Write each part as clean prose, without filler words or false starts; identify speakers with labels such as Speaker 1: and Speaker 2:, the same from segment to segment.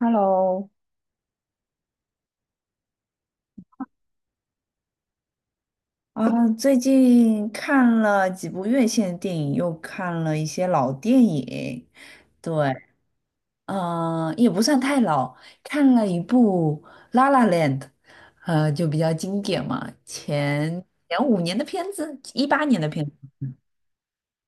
Speaker 1: Hello,最近看了几部院线电影，又看了一些老电影。对，也不算太老，看了一部《La La Land》,就比较经典嘛，前五年的片子，一八年的片子，嗯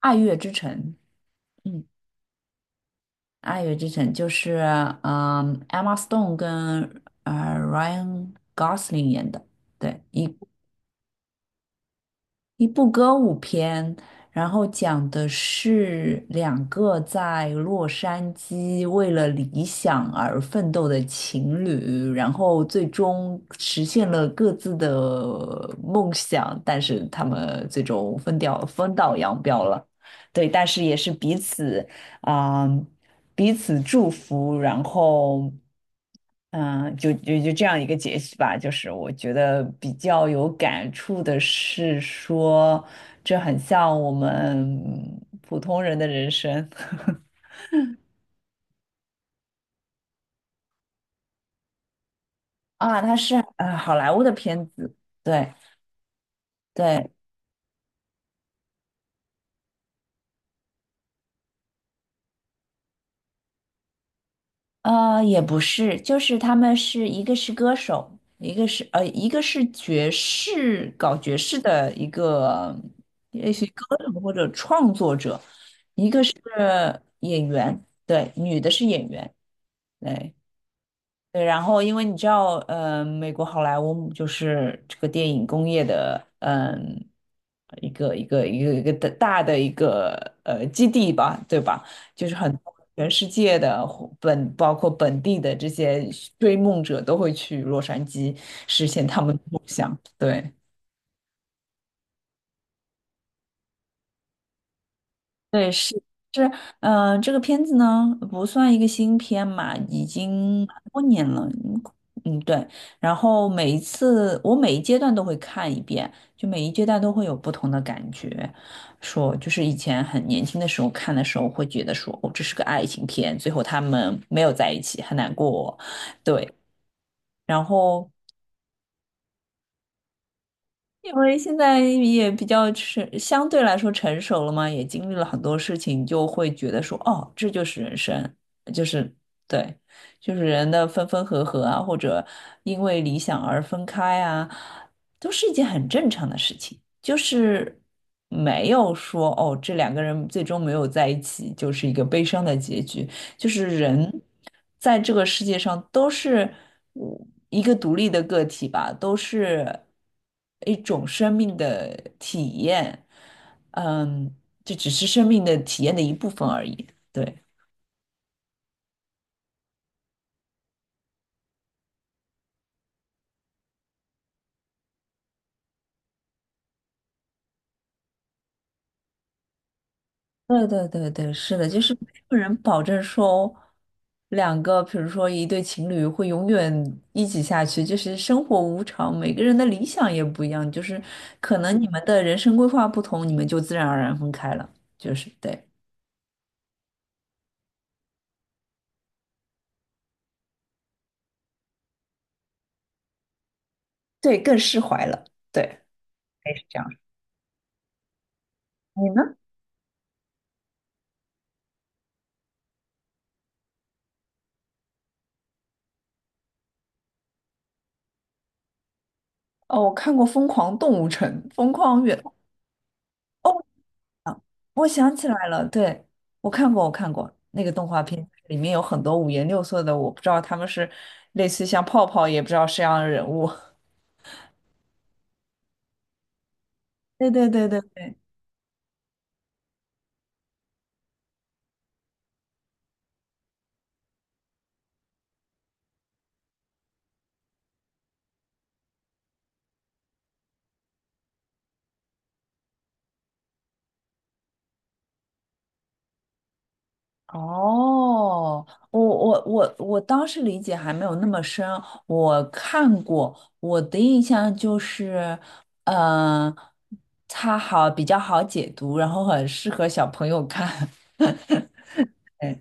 Speaker 1: 爱乐之城》。嗯，《爱乐之城》就是嗯、Emma Stone 跟Ryan Gosling 演的，对，一部歌舞片，然后讲的是两个在洛杉矶为了理想而奋斗的情侣，然后最终实现了各自的梦想，但是他们最终分掉，分道扬镳了。对，但是也是彼此啊、彼此祝福，然后。嗯，就这样一个解析吧，就是我觉得比较有感触的是说，这很像我们普通人的人生 啊，它是好莱坞的片子，对对，也不是，就是他们是一个是歌手，一个是爵士搞爵士的一个也许歌手或者创作者，一个是演员，对，女的是演员，对。对，然后因为你知道，呃，美国好莱坞就是这个电影工业的，一个的大的一个基地吧，对吧？就是很多全世界的或本，包括本地的这些追梦者都会去洛杉矶实现他们的梦想。对，对，是是，这个片子呢不算一个新片嘛，已经蛮多年了，嗯嗯，对。然后每一次我每一阶段都会看一遍，就每一阶段都会有不同的感觉。说就是以前很年轻的时候看的时候会觉得说，哦，这是个爱情片，最后他们没有在一起，很难过，对。然后因为现在也比较成，相对来说成熟了嘛，也经历了很多事情，就会觉得说，哦，这就是人生，就是对，就是人的分分合合啊，或者因为理想而分开啊，都是一件很正常的事情，就是没有说，哦，这两个人最终没有在一起，就是一个悲伤的结局。就是人在这个世界上都是嗯一个独立的个体吧，都是一种生命的体验，嗯，这只是生命的体验的一部分而已。对，对对对对，是的，就是没有人保证说两个，比如说一对情侣会永远一起下去，就是生活无常，每个人的理想也不一样，就是可能你们的人生规划不同，你们就自然而然分开了，就是对。对，更释怀了。对，可以是这样。你呢？哦，我看过《疯狂动物城》《疯狂远》。哦，我想起来了，对，我看过那个动画片，里面有很多五颜六色的，我不知道他们是类似像泡泡，也不知道是样的人物。对对对对对，哦，我当时理解还没有那么深，我看过，我的印象就是，嗯、它好比较好解读，然后很适合小朋友看。对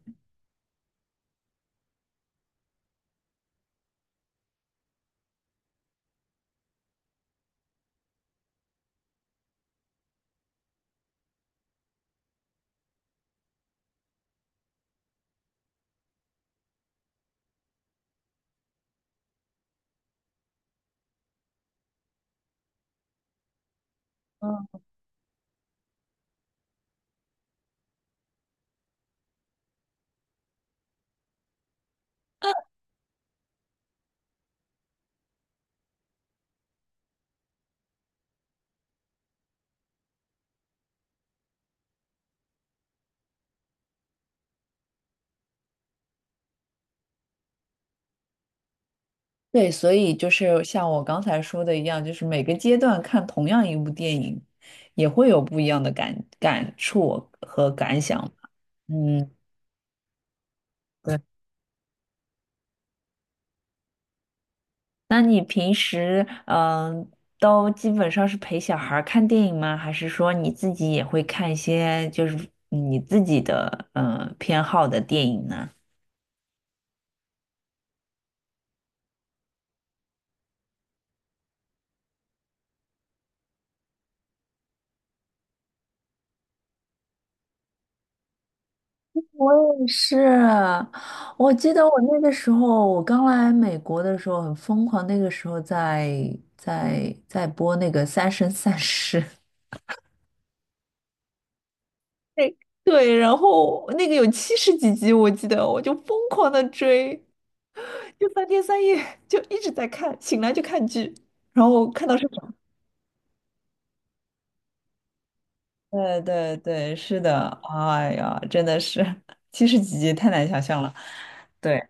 Speaker 1: 对，所以就是像我刚才说的一样，就是每个阶段看同样一部电影，也会有不一样的感触和感想吧。嗯。对。那你平时都基本上是陪小孩儿看电影吗？还是说你自己也会看一些就是你自己的嗯偏好的电影呢？我也是，我记得我那个时候，我刚来美国的时候很疯狂，那个时候在在播那个《三生三世》，对，对，然后那个有七十几集，我记得我就疯狂的追。就三天三夜就一直在看，醒来就看剧，然后看到睡着。对对对，是的，哎呀，真的是七十几集太难想象了。对，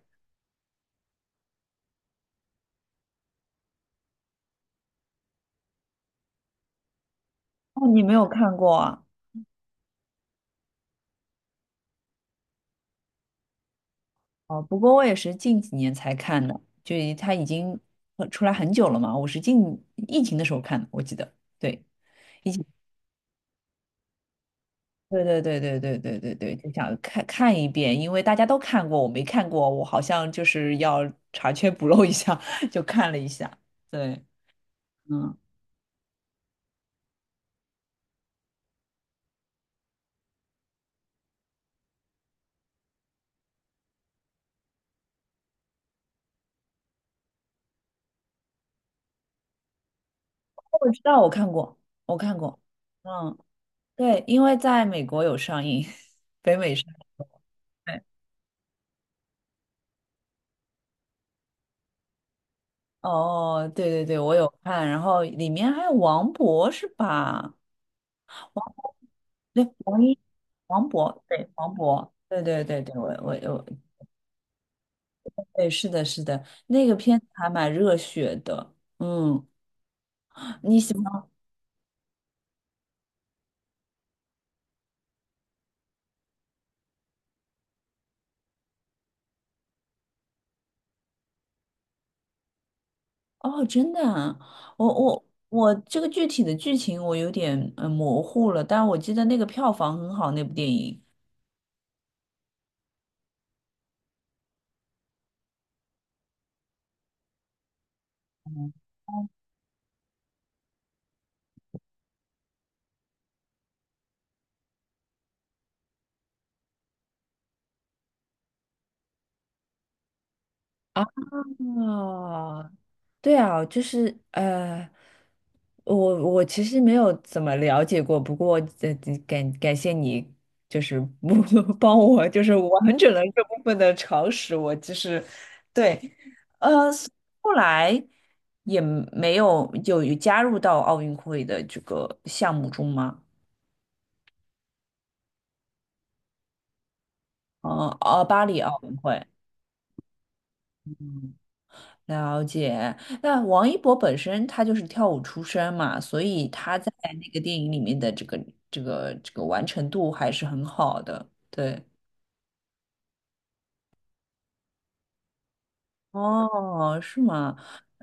Speaker 1: 哦，你没有看过啊？哦，不过我也是近几年才看的，就它已经出来很久了嘛，我是近疫情的时候看的，我记得。对，对对对对对对对对，就想看看一遍，因为大家都看过，我没看过，我好像就是要查缺补漏一下，就看了一下。对，嗯。我知道，我看过，我看过。嗯，对，因为在美国有上映，北美上映。对，哦，对对对，我有看，然后里面还有王博是吧？对，王博，对，王博，对对对对，我我我，对，是的，是的，那个片子还蛮热血的，嗯，你喜欢？哦，真的啊，我这个具体的剧情我有点嗯模糊了，但我记得那个票房很好，那部电影。啊。哦，对啊，就是我我其实没有怎么了解过，不过呃，感谢你，就是不 帮我，就是完整了这部分的常识。我其实对，后来也没有有加入到奥运会的这个项目中吗？嗯，哦，巴黎奥运会。了解。那王一博本身他就是跳舞出身嘛，所以他在那个电影里面的这个完成度还是很好的。对，哦，是吗？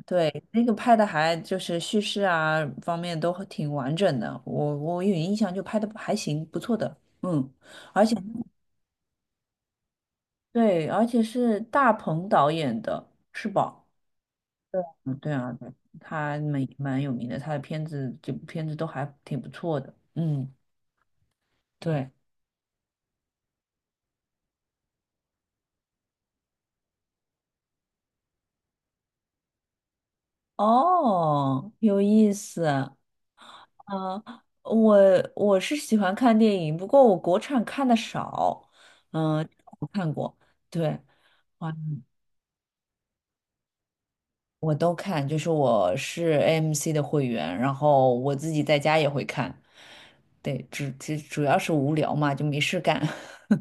Speaker 1: 对，那个拍的还就是叙事啊方面都挺完整的，我有印象就拍的还行，不错的。嗯，而且对，而且是大鹏导演的，是吧？对，嗯，对啊，对，他蛮有名的，他的片子这部片子都还挺不错的。嗯。对，哦，有意思啊，嗯我我是喜欢看电影，不过我国产看的少，嗯、我看过，对，哇，我都看，就是我是 AMC 的会员，然后我自己在家也会看，对，只主要是无聊嘛，就没事干。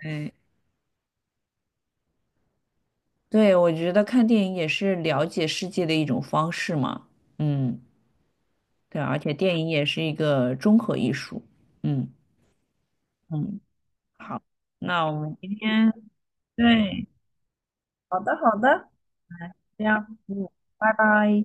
Speaker 1: 对，对，我觉得看电影也是了解世界的一种方式嘛，嗯，对，而且电影也是一个综合艺术，嗯。嗯。好，那我们今天对，好的好的，来这样，嗯，拜拜。